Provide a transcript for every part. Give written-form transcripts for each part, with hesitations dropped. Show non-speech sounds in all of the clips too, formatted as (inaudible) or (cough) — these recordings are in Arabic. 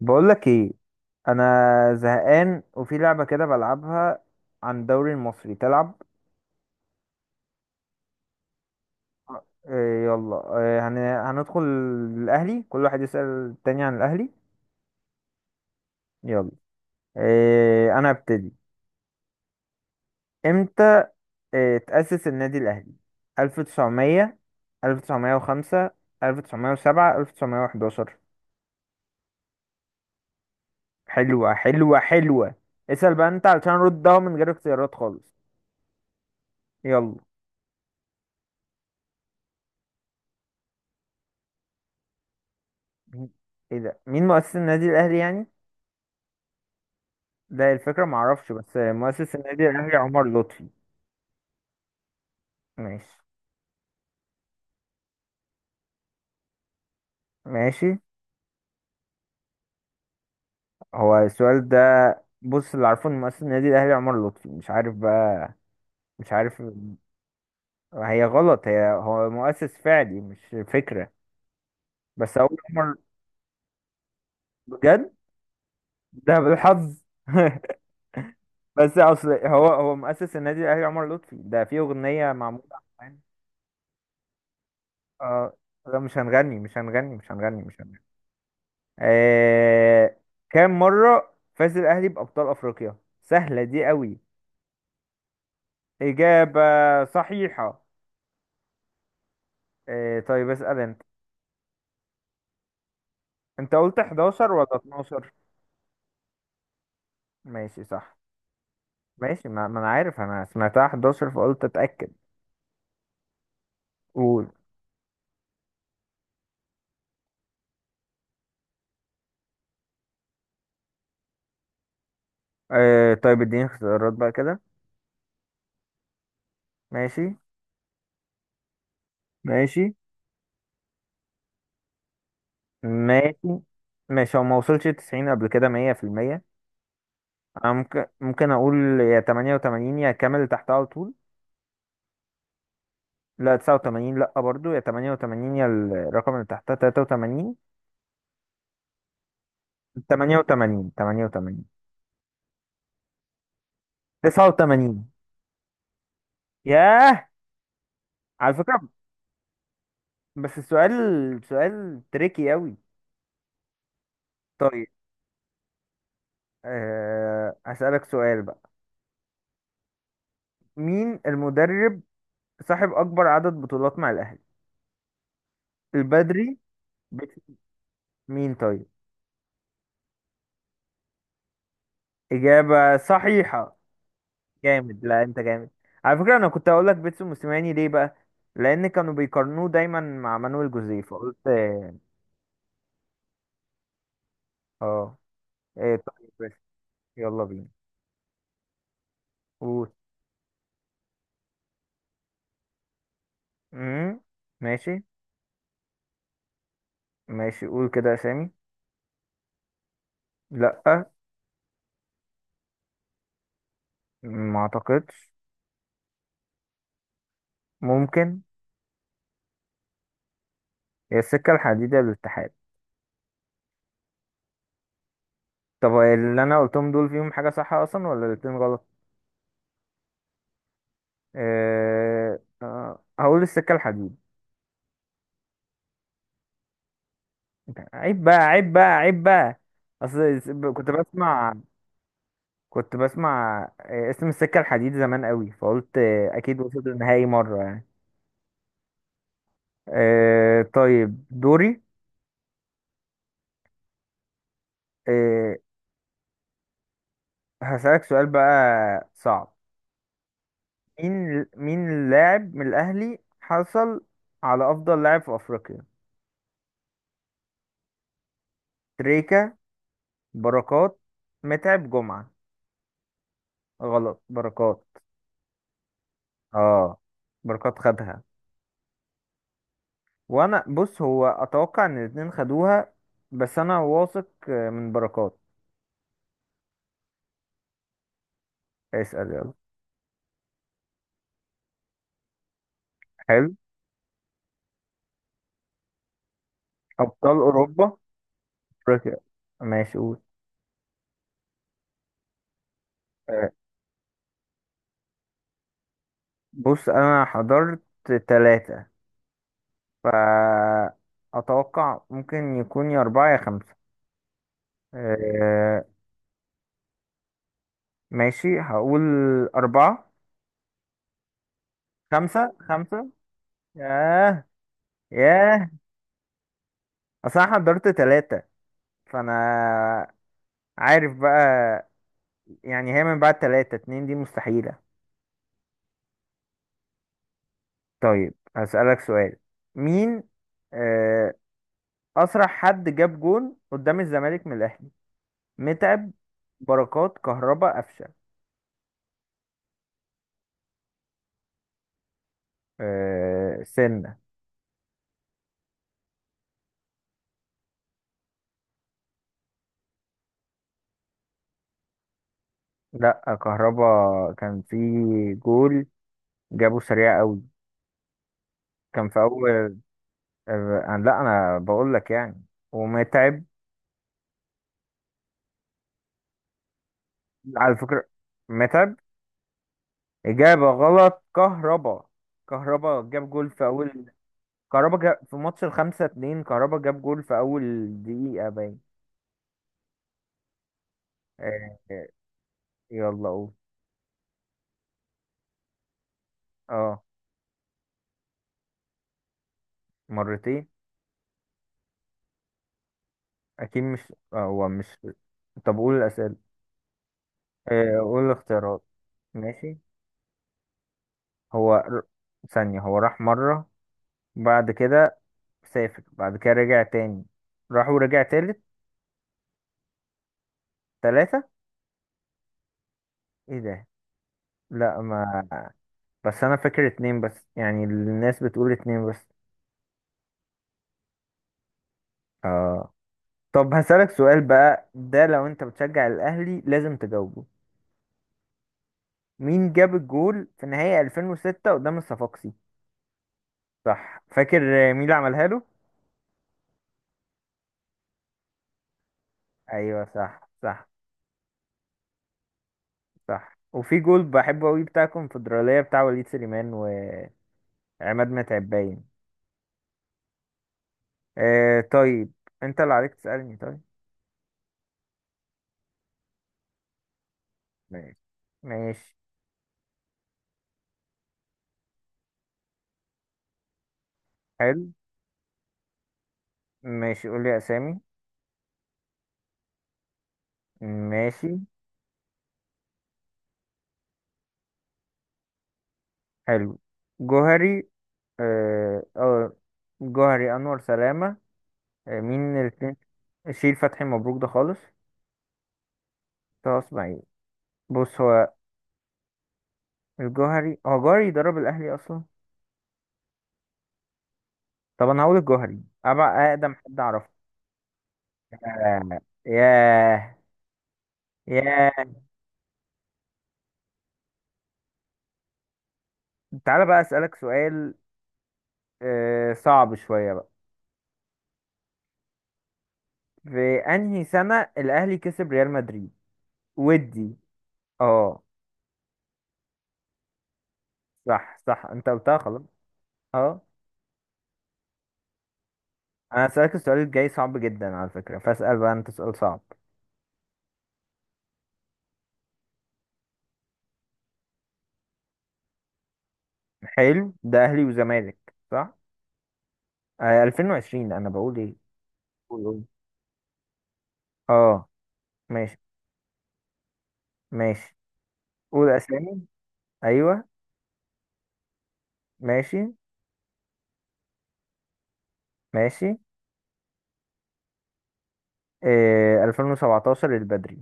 بقولك ايه، انا زهقان وفي لعبة كده بلعبها عن الدوري المصري تلعب. إيه يلا، إيه هندخل الاهلي، كل واحد يسأل التاني عن الاهلي. يلا، إيه انا ابتدي؟ امتى إيه تأسس النادي الاهلي؟ 1900؟ 1905؟ 1907؟ 1911؟ حلوة حلوة حلوة. اسأل بقى انت علشان ردها من غير اختيارات خالص. يلا. مين- ايه ده؟ مين مؤسس النادي الاهلي يعني؟ ده الفكرة معرفش، بس مؤسس النادي الأهلي عمر لطفي. ماشي. ماشي. هو السؤال ده؟ بص، اللي عارفه إن مؤسس النادي الأهلي عمر لطفي، مش عارف بقى، مش عارف. هي غلط، هي هو مؤسس فعلي مش فكرة، بس أقول عمر. بجد؟ ده بالحظ. (laughs) بس أصل هو مؤسس النادي الأهلي عمر لطفي، ده في أغنية معمولة عن- اه، لا مش هنغني مش هنغني مش هنغني مش هنغني. آه... كام مرة فاز الأهلي بأبطال أفريقيا؟ سهلة دي قوي. إجابة صحيحة. طيب اسأل أنت. أنت قلت 11 ولا 12؟ ماشي صح. ماشي. ما أنا عارف، أنا سمعتها 11 فقلت أتأكد. قول. طيب اديني اختيارات بقى كده. ماشي. ماشي. ماشي. ماشي. هو ما وصلش 90 قبل كده 100%. أنا ممكن أقول، يا 88 يا كامل اللي تحتها على طول. لا 89، لا برضو، يا 88 يا الرقم اللي تحتها 83. 88. 88. 89. ياه. على فكرة، بس السؤال سؤال تريكي قوي. طيب. هسألك سؤال بقى، مين المدرب صاحب أكبر عدد بطولات مع الأهلي؟ البدري. بت... مين طيب؟ إجابة صحيحة. جامد، لا أنت جامد. على فكرة، أنا كنت هقول لك بيتسو موسيماني، ليه بقى؟ لأن كانوا بيقارنوه دايما مع مانويل جوزيه، فقلت. اه، ايه طيب ماشي. يلا بينا. قول. امم ماشي. ماشي. قول كده اسامي. لا، ما اعتقدش. ممكن. هي السكة الحديدية للاتحاد. طب اللي انا قلتهم دول فيهم حاجة صح اصلا ولا الاتنين غلط؟ هقول السكة الحديد. عيب بقى، عيب بقى، عيب بقى. اصل كنت بسمع اسم السكة الحديد زمان قوي، فقلت اكيد وصلت النهائي مرة يعني. طيب دوري. آه، هسألك سؤال بقى، صعب. مين اللاعب من الأهلي حصل على أفضل لاعب في أفريقيا؟ تريكا، بركات، متعب، جمعة. غلط. بركات. اه، بركات خدها. وأنا بص، هو أتوقع إن الاتنين خدوها بس أنا واثق من بركات. اسأل يلا. حلو. أبطال أوروبا. أفريقيا. ماشي قول. آه، بص أنا حضرت تلاتة. فأتوقع ممكن يكون يا أربعة يا خمسة. آه ماشي، هقول أربعة. خمسة. خمسة. ياه. ياه. أصل أنا حضرت تلاتة فأنا عارف بقى يعني، هي من بعد تلاتة اتنين دي مستحيلة. طيب هسألك سؤال. مين آه أسرع حد جاب جون قدام الزمالك من الأهلي؟ متعب، بركات، كهربا، قفشة. آه سنة. لأ، كهربا كان في جول جابه سريع قوي. كان في أول. لا انا بقول لك يعني. ومتعب. على فكرة، متعب إجابة غلط. كهربا جاب جول في أول. كهربا جاب في ماتش الخمسة اتنين. كهربا جاب جول في أول دقيقة باين. آه، آه، يلا قول. اه مرتين. أكيد مش. هو مش. طب قول الأسئلة. قول الاختيارات. ماشي. هو ر- ثانية، هو راح مرة، بعد كده سافر، بعد كده رجع تاني، راح ورجع تالت. تلاتة. ايه ده؟ لا ما. بس انا فاكر اتنين بس يعني، الناس بتقول اتنين بس. اه. طب هسألك سؤال بقى، ده لو انت بتشجع الاهلي لازم تجاوبه. مين جاب الجول في نهائي 2006 قدام الصفاقسي؟ صح فاكر. مين اللي عملها له؟ ايوه صح، صح. صح. وفي جول بحبه قوي بتاع الكونفدرالية بتاع وليد سليمان وعماد متعب باين. طيب، انت اللي عليك تسألني. طيب ماشي. ماشي. حلو. ماشي قول لي اسامي. ماشي. حلو. جوهري. آه آه، جوهري، أنور سلامة. مين الاتنين؟ شيل فتحي مبروك ده خالص. طه اسماعيل. بص هو الجوهري، هو جوهري يدرب الأهلي أصلا. طب أنا هقول الجوهري، أبع أقدم حد أعرفه. آه، ياه. ياه. تعالى بقى أسألك سؤال صعب شوية بقى. في أنهي سنة الأهلي كسب ريال مدريد؟ ودي. اه صح، صح أنت قلتها خلاص. اه، انا هسألك السؤال الجاي صعب جدا على فكرة، فاسأل بقى انت سؤال صعب. حلو. ده اهلي وزمالك صح؟ 2020 انا بقول ايه؟ قول. قول. اه ماشي. ماشي قول اسامي. ايوه. ماشي. ماشي. 2017 البدري.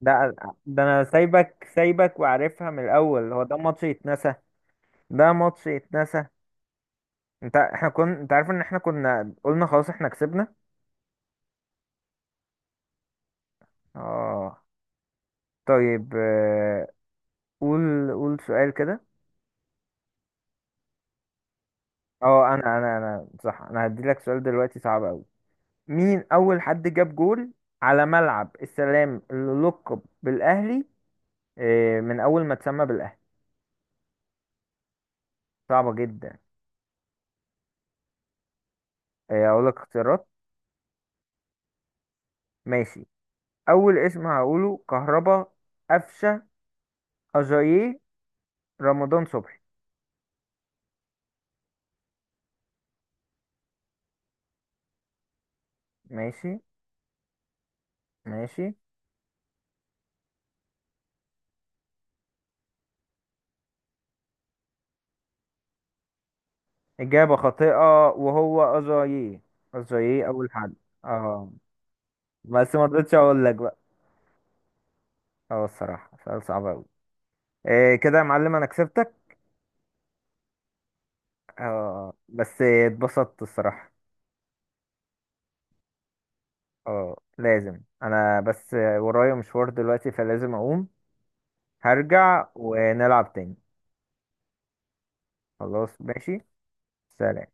ده ده انا سايبك سايبك وعارفها من الاول، هو ده ماتش يتنسى. ده ماتش يتنسى. انت، احنا كنا، انت عارف ان احنا كنا قلنا خلاص احنا كسبنا. اه. طيب. قول. قول سؤال كده. اه. انا صح، انا هدي لك سؤال دلوقتي صعب قوي. مين اول حد جاب جول على ملعب السلام اللي لقب بالاهلي، من اول ما اتسمى بالاهلي؟ صعبة جدا. اقول لك اختيارات. ماشي. اول اسم هقوله كهربا، قفشة، اجاييه، رمضان صبحي. ماشي. ماشي. اجابة خاطئة وهو اجاييه. اجاييه اول حد. اه، بس ما رضيتش اقول لك بقى. اه، الصراحة سؤال صعب قوي. كده يا معلم انا كسبتك. اه بس اتبسطت الصراحة. اه لازم، انا بس ورايا مشوار دلوقتي فلازم اقوم. هرجع ونلعب تاني. خلاص ماشي. سلام.